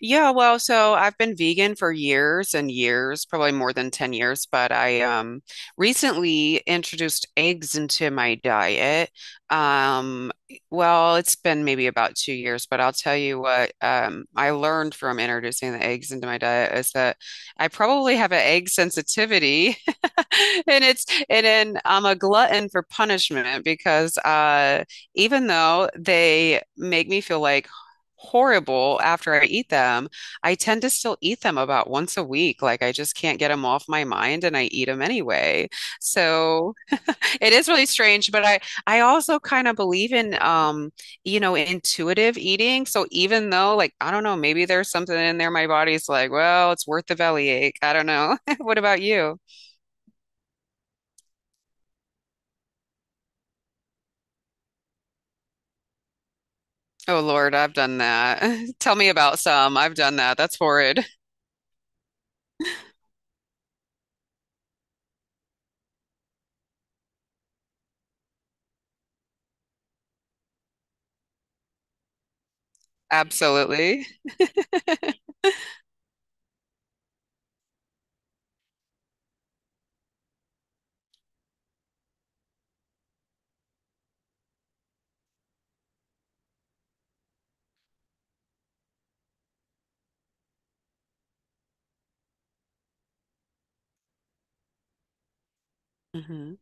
Yeah, well, so I've been vegan for years and years, probably more than 10 years, but I recently introduced eggs into my diet. Well, it's been maybe about 2 years, but I'll tell you what I learned from introducing the eggs into my diet is that I probably have an egg sensitivity. And then I'm a glutton for punishment because even though they make me feel like horrible after I eat them. I tend to still eat them about once a week. Like I just can't get them off my mind and I eat them anyway. So it is really strange, but I also kind of believe in intuitive eating. So even though like I don't know, maybe there's something in there my body's like, well, it's worth the bellyache. I don't know. What about you? Oh Lord, I've done that. Tell me about some. I've done that. That's horrid. Absolutely. Hmm.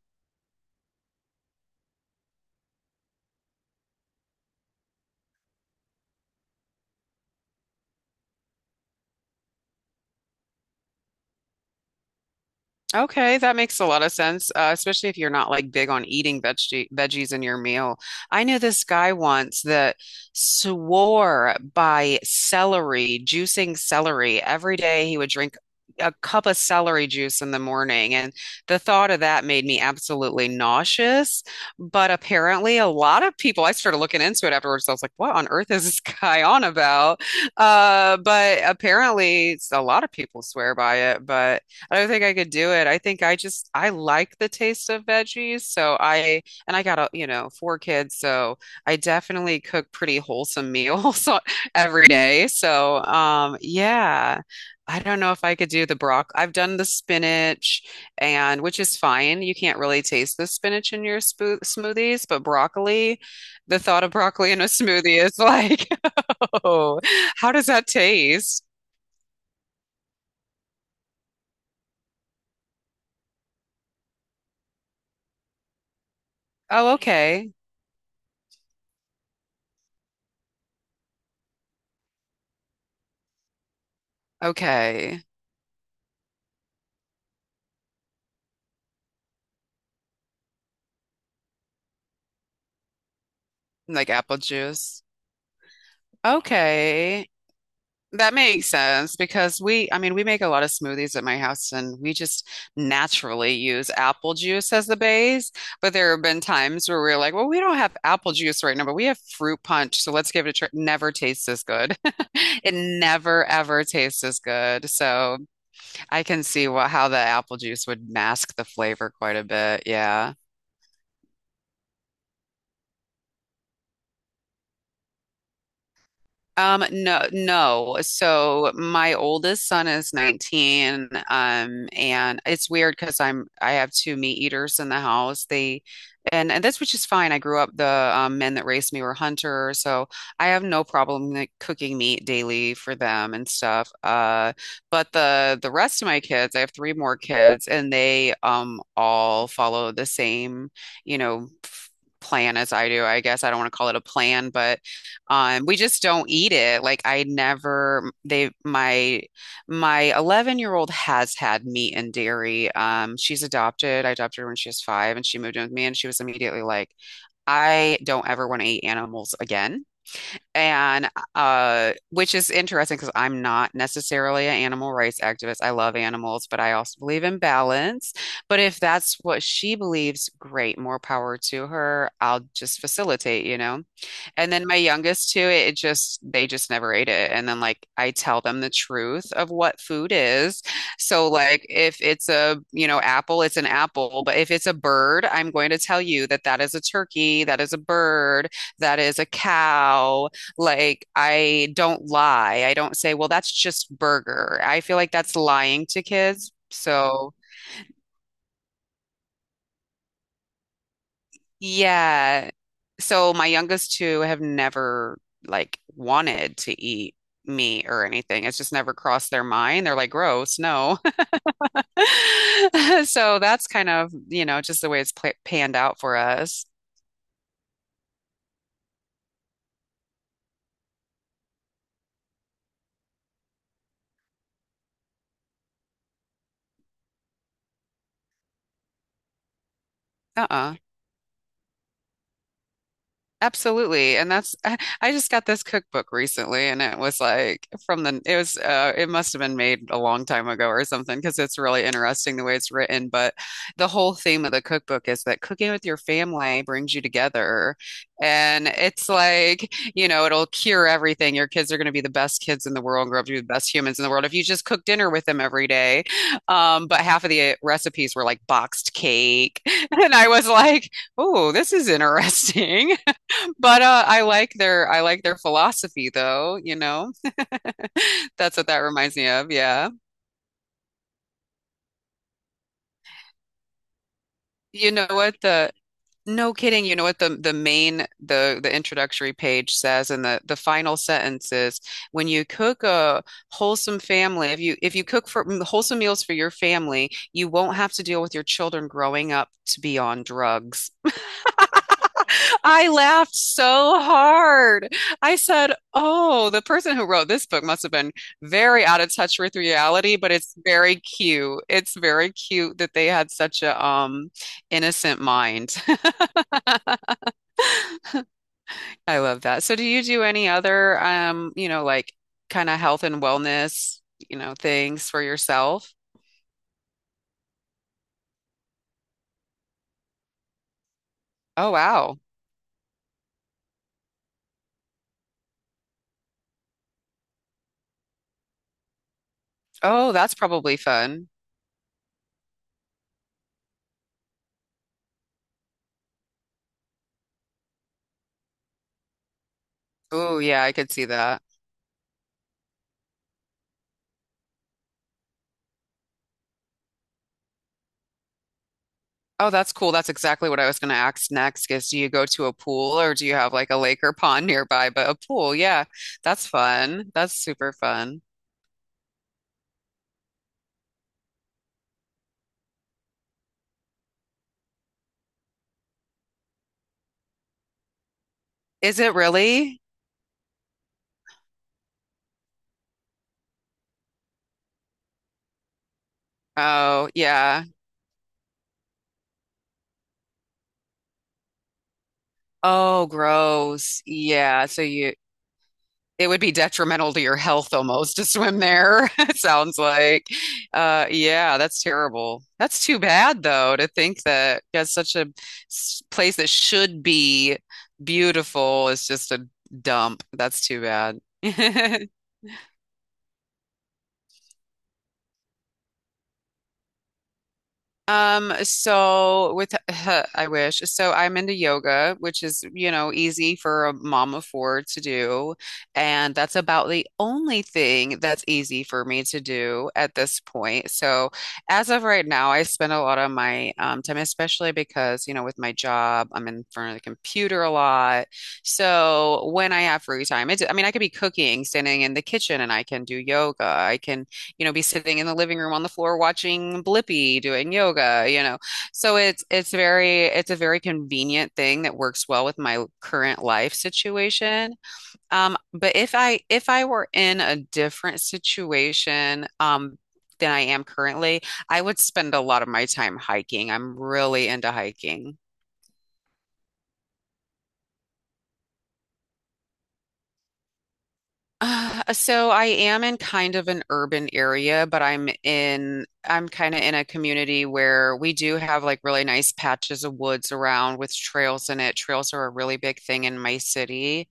Okay, that makes a lot of sense, especially if you're not like big on eating veggies in your meal. I knew this guy once that swore by celery, juicing celery. Every day he would drink a cup of celery juice in the morning, and the thought of that made me absolutely nauseous. But apparently, a lot of people, I started looking into it afterwards. I was like, what on earth is this guy on about? But apparently, a lot of people swear by it, but. I don't think I could do it. I think I like the taste of veggies, so I and I got a, you know, four kids, so I definitely cook pretty wholesome meals every day. So, yeah. I don't know if I could do the broccoli. I've done the spinach and which is fine. You can't really taste the spinach in your spo smoothies, but broccoli, the thought of broccoli in a smoothie is like, oh, how does that taste? Oh, okay. Okay. Like apple juice. Okay. That makes sense because we, I mean, we make a lot of smoothies at my house and we just naturally use apple juice as the base. But there have been times where we're like, well, we don't have apple juice right now, but we have fruit punch. So let's give it a try. Never tastes as good. It never, ever tastes as good. So I can see what, how the apple juice would mask the flavor quite a bit. Yeah. No, no. So my oldest son is 19, and it's weird because I have two meat eaters in the house. They and that's which is fine. I grew up the men that raised me were hunters, so I have no problem like, cooking meat daily for them and stuff. But the rest of my kids, I have three more kids, and they all follow the same, you know. Plan as I do, I guess. I don't want to call it a plan, but we just don't eat it. Like I never they my my 11-year-old has had meat and dairy. She's adopted. I adopted her when she was five and she moved in with me and she was immediately like, I don't ever want to eat animals again. And which is interesting because I'm not necessarily an animal rights activist. I love animals, but I also believe in balance. But if that's what she believes, great, more power to her. I'll just facilitate, you know? And then my youngest too, it just they just never ate it. And then like I tell them the truth of what food is. So like if it's a, you know, apple, it's an apple, but if it's a bird, I'm going to tell you that is a turkey, that is a bird, that is a cow. Like I don't lie. I don't say, "Well, that's just burger." I feel like that's lying to kids. So yeah. So my youngest two have never like wanted to eat meat or anything. It's just never crossed their mind. They're like, gross, no. So that's kind of, you know, just the way it's pla panned out for us. Uh-uh. Absolutely. And that's, I just got this cookbook recently and it was like from the, it was, it must have been made a long time ago or something because it's really interesting the way it's written. But the whole theme of the cookbook is that cooking with your family brings you together. And it's like, you know, it'll cure everything. Your kids are going to be the best kids in the world and grow up to be the best humans in the world if you just cook dinner with them every day. But half of the recipes were like boxed cake. And I was like, oh, this is interesting. But I like their philosophy though, you know. That's what that reminds me of, yeah. You know what the no kidding, you know what the main the introductory page says and the final sentence is when you cook a wholesome family, if you cook for wholesome meals for your family, you won't have to deal with your children growing up to be on drugs. I laughed so hard. I said, oh, the person who wrote this book must have been very out of touch with reality, but it's very cute. It's very cute that they had such a innocent mind. I love that. So do you do any other like kind of health and wellness, you know, things for yourself? Oh wow. Oh, that's probably fun. Oh yeah, I could see that. Oh, that's cool. That's exactly what I was going to ask next is do you go to a pool or do you have like a lake or pond nearby? But a pool, yeah, that's fun. That's super fun. Is it really? Oh, yeah. Oh, gross. Yeah. It would be detrimental to your health almost to swim there, it sounds like. Yeah, that's terrible. That's too bad, though, to think that that's such a place that should be beautiful is just a dump. That's too bad. So with I wish. So I'm into yoga, which is, you know, easy for a mom of four to do, and that's about the only thing that's easy for me to do at this point. So as of right now, I spend a lot of my time, especially because, you know, with my job, I'm in front of the computer a lot. So when I have free time, it's, I mean, I could be cooking, standing in the kitchen, and I can do yoga. I can be sitting in the living room on the floor watching Blippi doing yoga. So it's very it's a very convenient thing that works well with my current life situation. But if I were in a different situation, than I am currently, I would spend a lot of my time hiking. I'm really into hiking. So I am in kind of an urban area, but I'm kind of in a community where we do have like really nice patches of woods around with trails in it. Trails are a really big thing in my city.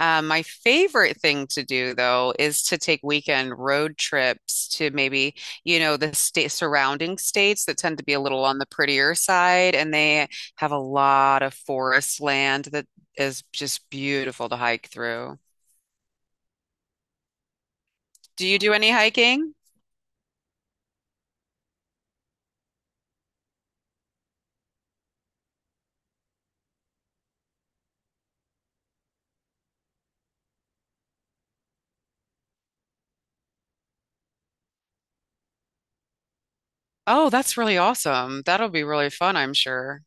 My favorite thing to do though is to take weekend road trips to maybe, you know, the state surrounding states that tend to be a little on the prettier side, and they have a lot of forest land that is just beautiful to hike through. Do you do any hiking? Oh, that's really awesome. That'll be really fun, I'm sure.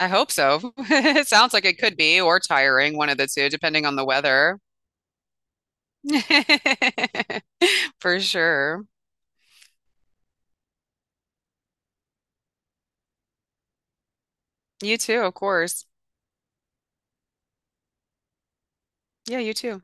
I hope so. It sounds like it could be, or tiring, one of the two, depending on the weather. For sure. You too, of course. Yeah, you too.